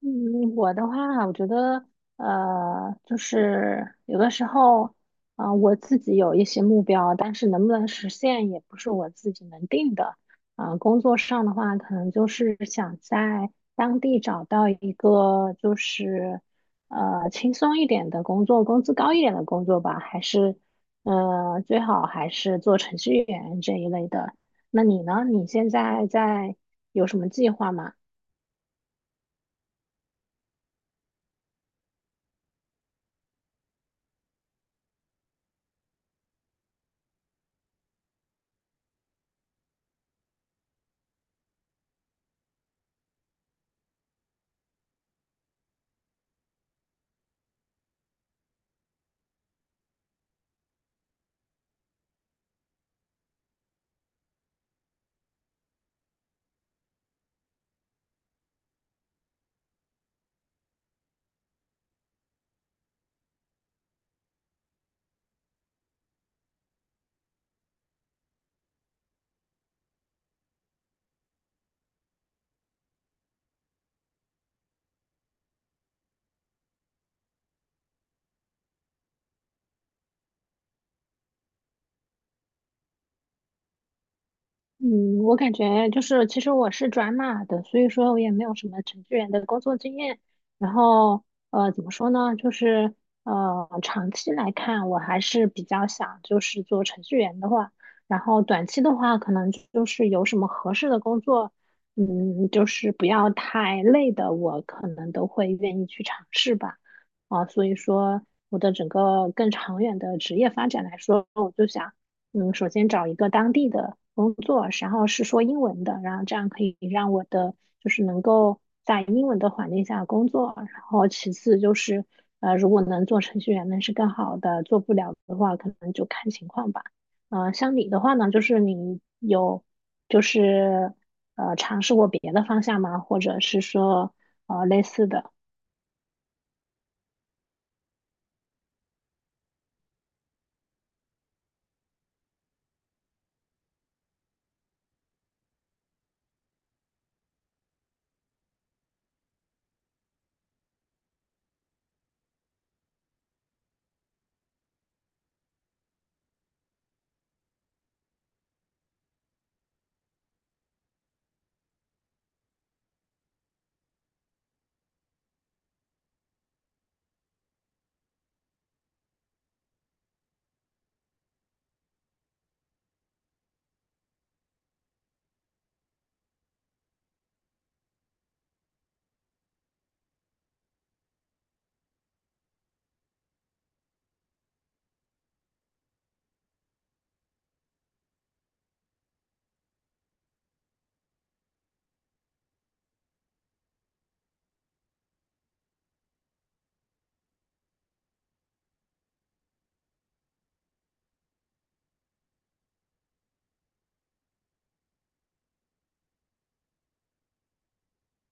嗯，我的话，我觉得，就是有的时候，啊、我自己有一些目标，但是能不能实现也不是我自己能定的。啊、工作上的话，可能就是想在当地找到一个就是，轻松一点的工作，工资高一点的工作吧，还是，最好还是做程序员这一类的。那你呢？你现在在有什么计划吗？嗯，我感觉就是，其实我是转码的，所以说我也没有什么程序员的工作经验。然后，呃，怎么说呢？就是，长期来看，我还是比较想就是做程序员的话，然后短期的话，可能就是有什么合适的工作，嗯，就是不要太累的，我可能都会愿意去尝试吧。啊，所以说我的整个更长远的职业发展来说，我就想。嗯，首先找一个当地的工作，然后是说英文的，然后这样可以让我的就是能够在英文的环境下工作。然后其次就是，如果能做程序员，那是更好的；做不了的话，可能就看情况吧。呃，像你的话呢，就是你有就是尝试过别的方向吗？或者是说类似的？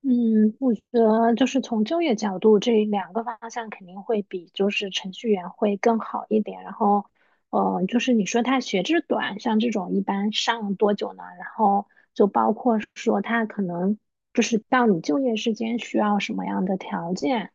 嗯，我觉得就是从就业角度，这两个方向肯定会比就是程序员会更好一点。然后，呃，就是你说他学制短，像这种一般上多久呢？然后就包括说他可能就是到你就业时间需要什么样的条件，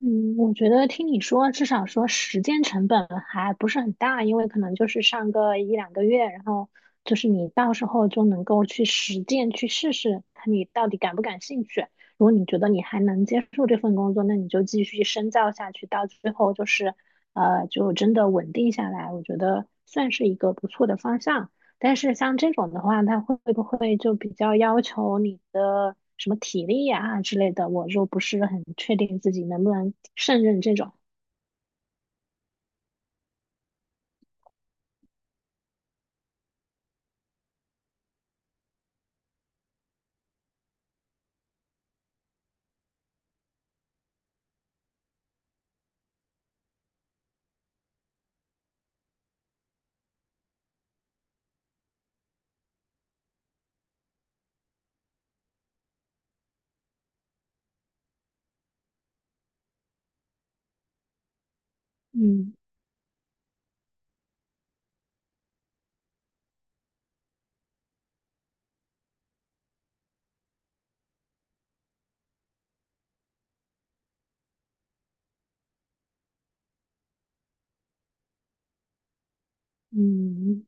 嗯，我觉得听你说，至少说实践成本还不是很大，因为可能就是上个一两个月，然后就是你到时候就能够去实践去试试，看你到底感不感兴趣。如果你觉得你还能接受这份工作，那你就继续深造下去，到最后就是就真的稳定下来，我觉得算是一个不错的方向。但是像这种的话，它会不会就比较要求你的什么体力呀、之类的？我就不是很确定自己能不能胜任这种。嗯嗯，嗯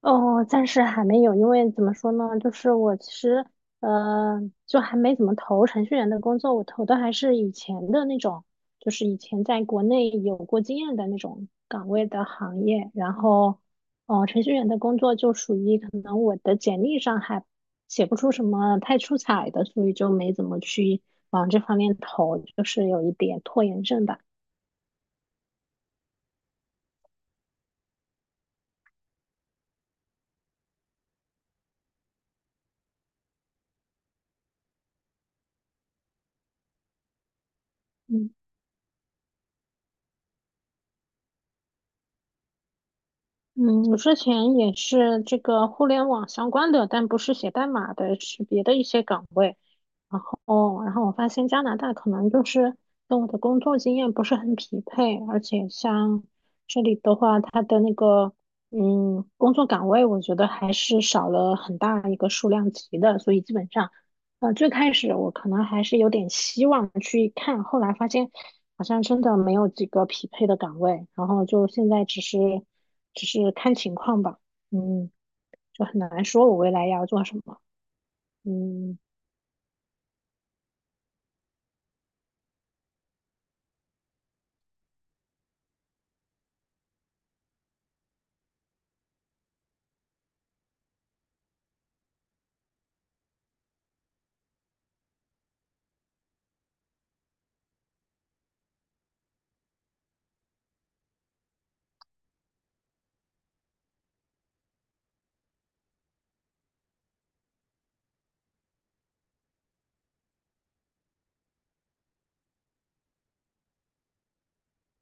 哦，暂时还没有，因为怎么说呢，就是我其实呃，就还没怎么投程序员的工作，我投的还是以前的那种，就是以前在国内有过经验的那种岗位的行业。然后，哦、程序员的工作就属于可能我的简历上还写不出什么太出彩的，所以就没怎么去往这方面投，就是有一点拖延症吧。嗯。嗯，我之前也是这个互联网相关的，但不是写代码的，是别的一些岗位。然后，然后我发现加拿大可能就是跟我的工作经验不是很匹配，而且像这里的话，它的那个工作岗位，我觉得还是少了很大一个数量级的，所以基本上最开始我可能还是有点希望去看，后来发现好像真的没有几个匹配的岗位，然后就现在只是看情况吧，嗯，就很难说我未来要做什么，嗯。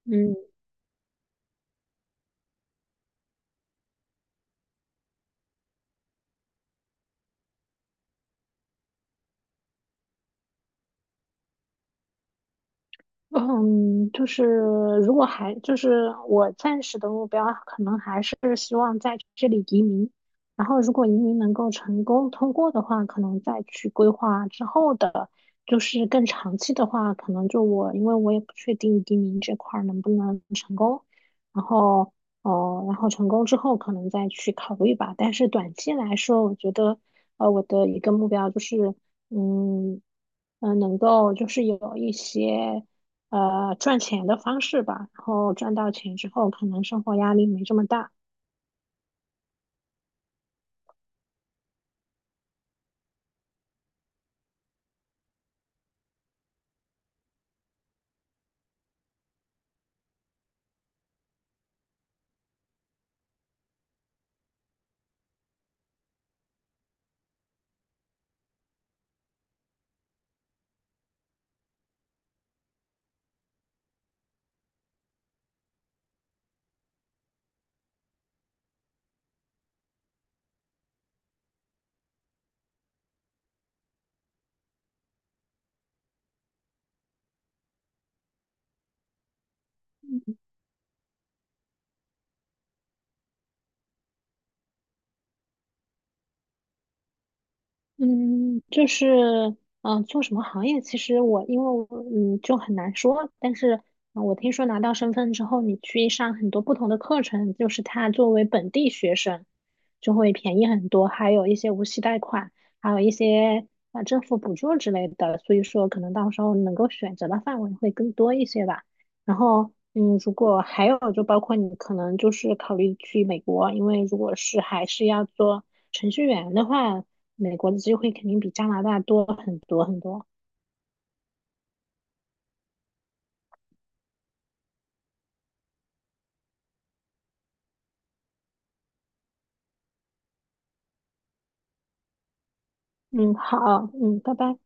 嗯。嗯，就是如果还就是我暂时的目标，可能还是希望在这里移民。然后，如果移民能够成功通过的话，可能再去规划之后的，就是更长期的话，可能就我，因为我也不确定移民这块儿能不能成功。然后，哦、然后成功之后可能再去考虑吧。但是短期来说，我觉得，呃，我的一个目标就是，嗯。嗯，能够就是有一些赚钱的方式吧，然后赚到钱之后，可能生活压力没这么大。嗯嗯，就是，嗯、做什么行业？其实我因为我嗯就很难说，但是、我听说拿到身份之后，你去上很多不同的课程，就是他作为本地学生就会便宜很多，还有一些无息贷款，还有一些啊、政府补助之类的，所以说可能到时候能够选择的范围会更多一些吧。然后，嗯，如果还有就包括你可能就是考虑去美国，因为如果是还是要做程序员的话。美国的机会肯定比加拿大多很多很多。嗯，好，嗯，拜拜。